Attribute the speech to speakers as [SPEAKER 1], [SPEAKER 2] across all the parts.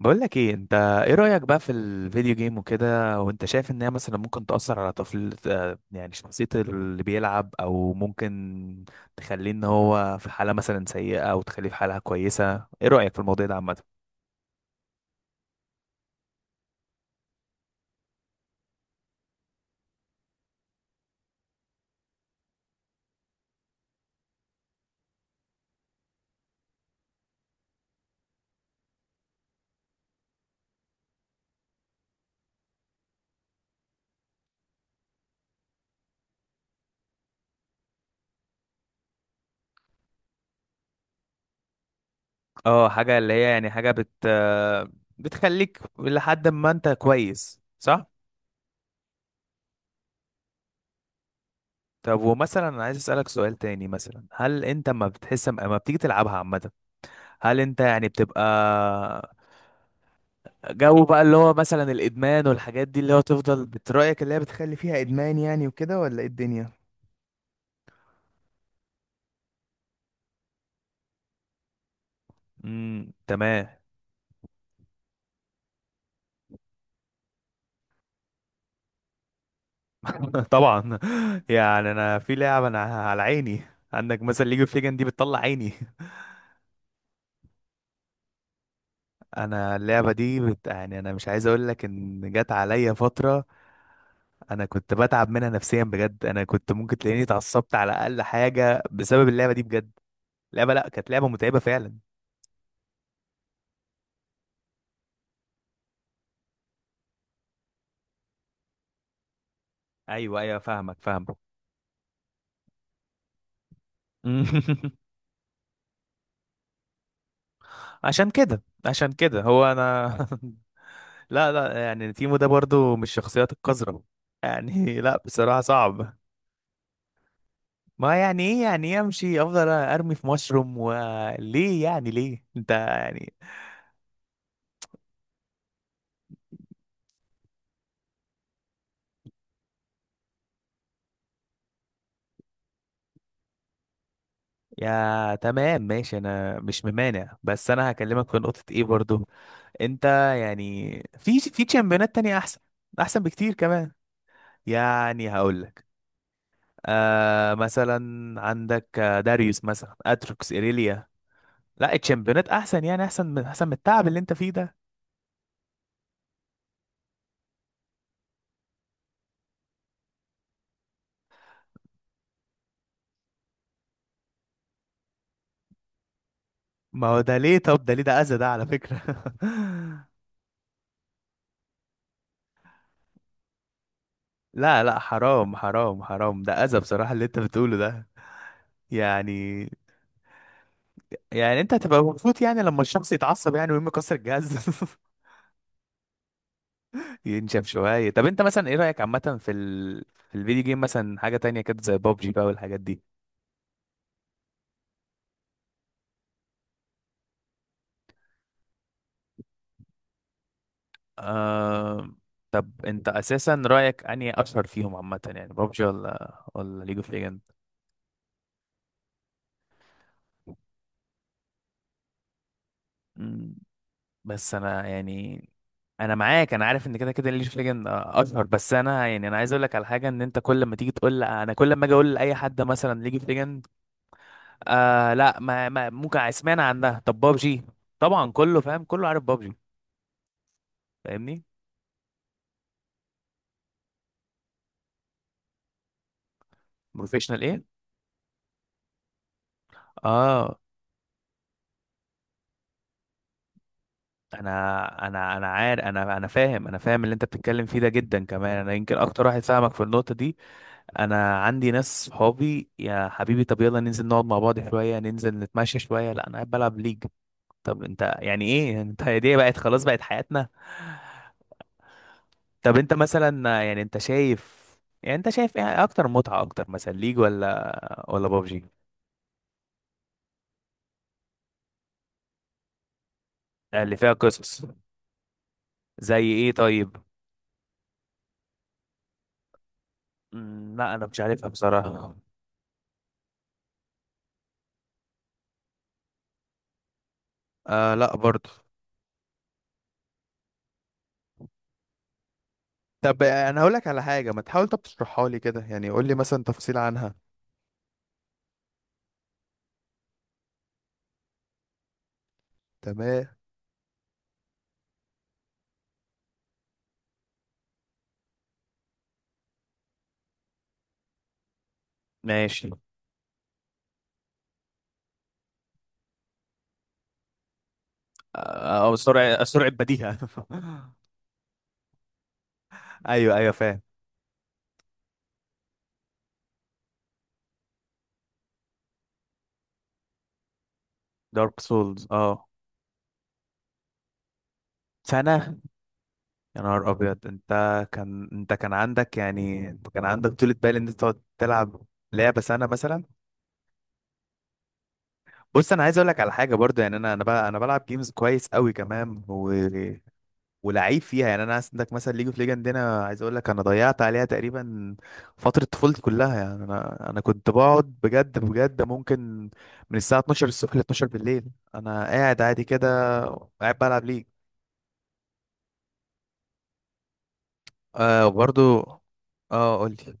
[SPEAKER 1] بقول لك ايه انت؟ ايه رأيك بقى في الفيديو جيم وكده؟ وانت شايف ان هي مثلا ممكن تأثر على طفل، يعني شخصية اللي بيلعب، او ممكن تخليه ان هو في حالة مثلا سيئة او تخليه في حالة كويسة؟ ايه رأيك في الموضوع ده عامة؟ اه حاجة اللي هي يعني حاجة بت آه، بتخليك لحد ما انت كويس، صح؟ طب ومثلا انا عايز اسألك سؤال تاني، مثلا هل انت ما بتحس اما بتيجي تلعبها عامة، هل انت يعني بتبقى جو بقى اللي هو مثلا الادمان والحاجات دي؟ اللي هو تفضل، رأيك اللي هي بتخلي فيها ادمان يعني وكده ولا ايه الدنيا؟ تمام. طبعا. يعني انا في لعبه انا على عيني، عندك مثلا ليج اوف ليجند دي بتطلع عيني. انا اللعبه دي يعني انا مش عايز اقول لك ان جت عليا فتره انا كنت بتعب منها نفسيا بجد. انا كنت ممكن تلاقيني اتعصبت على اقل حاجه بسبب اللعبه دي بجد. لعبه، لا، كانت لعبه متعبه فعلا. ايوه ايوه، فاهمك. عشان كده عشان كده هو انا. لا لا، يعني تيمو ده برضو مش الشخصيات القذرة يعني. لا بصراحة صعب. ما يعني ايه؟ يعني ايه امشي افضل ارمي في مشروم؟ وليه يعني؟ ليه انت يعني؟ يا تمام ماشي، انا مش ممانع، بس انا هكلمك في نقطة ايه برضو. انت يعني، في تشامبيونات تانية احسن، احسن بكتير كمان. يعني هقول لك، آه مثلا عندك، داريوس مثلا، اتروكس، ايريليا. لا الشامبيونات احسن، يعني احسن من احسن من التعب اللي انت فيه ده. ما هو ده ليه؟ طب ده ليه؟ ده اذى ده على فكرة. لا لا، حرام حرام حرام، ده اذى بصراحة اللي انت بتقوله ده. يعني، يعني انت هتبقى مبسوط يعني لما الشخص يتعصب يعني ويقوم يكسر الجهاز؟ ينشف شوية. طب انت مثلا ايه رأيك عامة في في الفيديو جيم مثلا؟ حاجة تانية كده زي بابجي بقى والحاجات دي. آه... طب انت اساسا رأيك انهي اشهر فيهم عامة يعني، بابجي ولا ليج اوف ليجند؟ بس انا يعني انا معاك، انا عارف ان كده كده ليج اوف ليجند اشهر، بس انا يعني انا عايز اقول لك على حاجه، ان انت كل ما تيجي تقول، انا كل ما اجي اقول لاي حد مثلا ليج اوف ليجند، آه لا ما ممكن اسمعنا عنها. طب بابجي طبعا كله فاهم كله عارف بابجي، فاهمني؟ بروفيشنال ايه؟ اه انا انا عارف، انا فاهم، انا فاهم اللي انت بتتكلم فيه ده جدا كمان، انا يمكن اكتر واحد فاهمك في النقطه دي. انا عندي ناس صحابي، يا حبيبي طب يلا ننزل نقعد مع بعض شويه، ننزل نتمشى شويه، لا انا قاعد بلعب ليج. طب انت يعني ايه؟ انت هي دي بقت خلاص بقت حياتنا؟ طب انت مثلا يعني انت شايف، يعني انت شايف ايه اكتر متعة اكتر، مثلا ليج ولا بابجي؟ اللي فيها قصص؟ زي ايه طيب؟ مم، لا انا مش عارفها بصراحة. آه لا برضه. طب انا هقول لك على حاجه، ما تحاول طب تشرحها لي كده، يعني قول لي مثلا تفصيل عنها. تمام. ماشي. او سرعة، سرعة بديهة. ايوه ايوه فاهم. دارك سولز، اه. سنة؟ يا نهار ابيض انت! كان انت كان عندك، يعني انت كان عندك طولة بال ان انت تقعد تلعب لعبة سنة مثلا؟ بص انا عايز اقول لك على حاجة برضو، يعني انا انا بقى انا بلعب جيمز كويس قوي كمان و... ولعيب فيها يعني. انا عندك مثلا ليج اوف ليجند هنا، عايز اقول لك انا ضيعت عليها تقريبا فترة طفولتي كلها يعني. انا انا كنت بقعد بجد بجد، ممكن من الساعة 12 الصبح ل 12 بالليل انا قاعد عادي كده قاعد بلعب ليج. آه برضو. اه قول لي.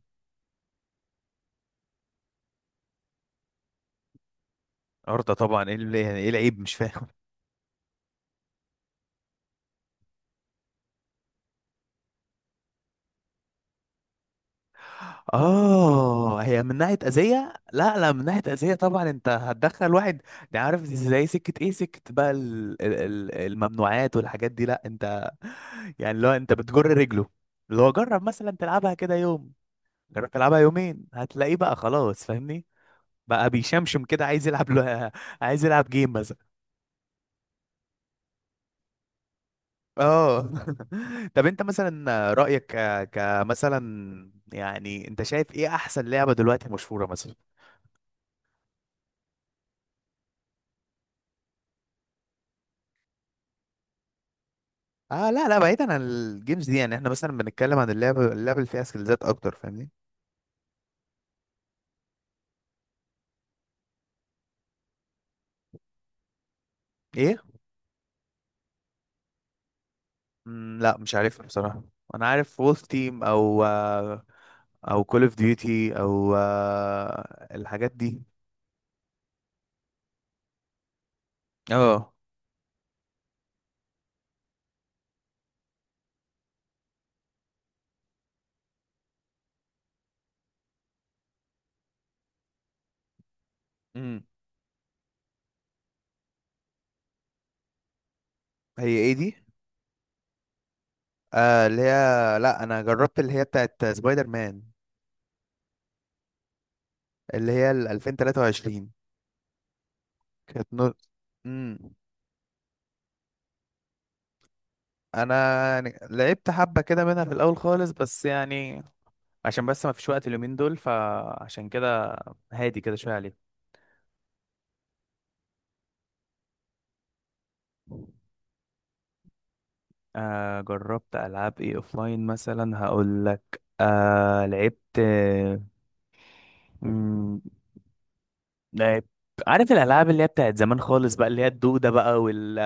[SPEAKER 1] ارضى طبعا، ايه اللي- يعني ايه العيب مش فاهم؟ اه هي من ناحيه اذيه؟ لا لا، من ناحيه اذيه طبعا، انت هتدخل واحد ده عارف زي سكه ايه، سكه بقى الممنوعات والحاجات دي. لا انت يعني لو انت بتجر رجله اللي هو، جرب مثلا تلعبها كده يوم، جرب تلعبها يومين، هتلاقيه بقى خلاص فاهمني؟ بقى بيشمشم كده، عايز يلعب له عايز يلعب جيم مثلا. اه. طب انت مثلا رأيك، كمثلا يعني انت شايف ايه احسن لعبة دلوقتي مشهورة مثلا؟ اه لا لا، بعيدا عن الجيمز دي، يعني احنا مثلا بنتكلم عن اللعب اللي فيها سكيلزات اكتر، فاهمني؟ ايه؟ مم، لا مش عارفها بصراحه. انا عارف وولف تيم او او كول اوف ديوتي او الحاجات دي. اه. امم هي ايه دي؟ آه اللي هي، لا انا جربت اللي هي بتاعت سبايدر مان اللي هي ال 2023. كانت نور. امم. انا يعني لعبت حبه كده منها في الاول خالص، بس يعني عشان بس ما فيش وقت اليومين دول، فعشان كده هادي كده شويه عليه. آه جربت العاب ايه اوفلاين مثلا، هقول لك آه لعبت، مم، لعبت، عارف الالعاب اللي هي بتاعت زمان خالص بقى، اللي هي الدوده بقى، وال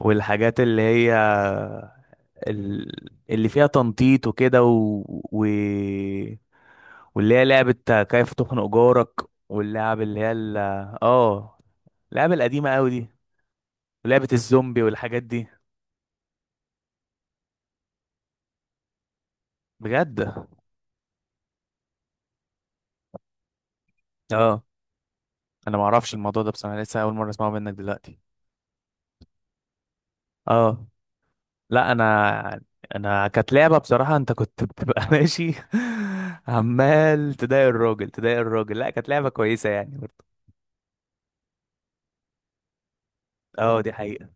[SPEAKER 1] والحاجات اللي هي اللي فيها تنطيط وكده و... و... واللي هي لعبة كيف تخنق جارك، واللعب اللي هي ال... اه اللعبة القديمة قوي دي ولعبة الزومبي والحاجات دي. بجد؟ اه انا ما اعرفش الموضوع ده بصراحه، لسه اول مره اسمعه منك دلوقتي. اه لا انا، انا كانت لعبه بصراحه، انت كنت بتبقى ماشي عمال تضايق الراجل تضايق الراجل. لا كانت لعبه كويسه يعني برضه. اه دي حقيقه.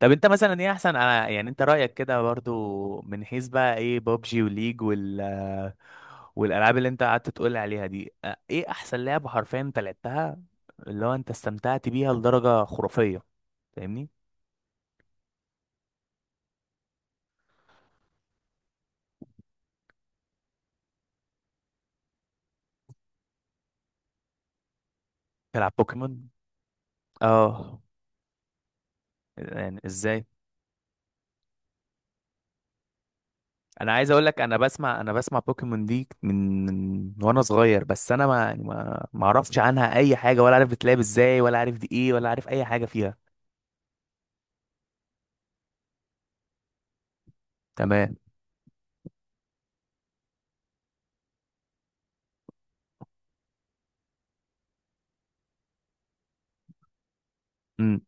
[SPEAKER 1] طب انت مثلا ايه احسن، أنا يعني انت رايك كده برضو من حيث بقى ايه، بابجي وليج وال والالعاب اللي انت قعدت تقول عليها دي، ايه احسن لعبه حرفيا انت لعبتها اللي هو انت استمتعت بيها لدرجه خرافيه؟ فاهمني؟ تلعب بوكيمون؟ اه يعني ازاي؟ انا عايز اقول لك، انا بسمع، انا بسمع بوكيمون دي من وانا صغير، بس انا ما يعني ما اعرفش عنها اي حاجه، ولا عارف بتلعب ازاي، ولا عارف دي ايه، ولا عارف اي حاجه فيها. تمام. امم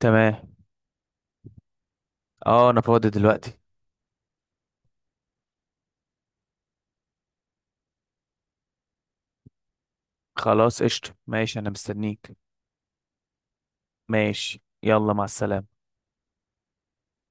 [SPEAKER 1] تمام. اه انا فاضي دلوقتي. خلاص قشطه ماشي، انا مستنيك. ماشي يلا، مع السلامه.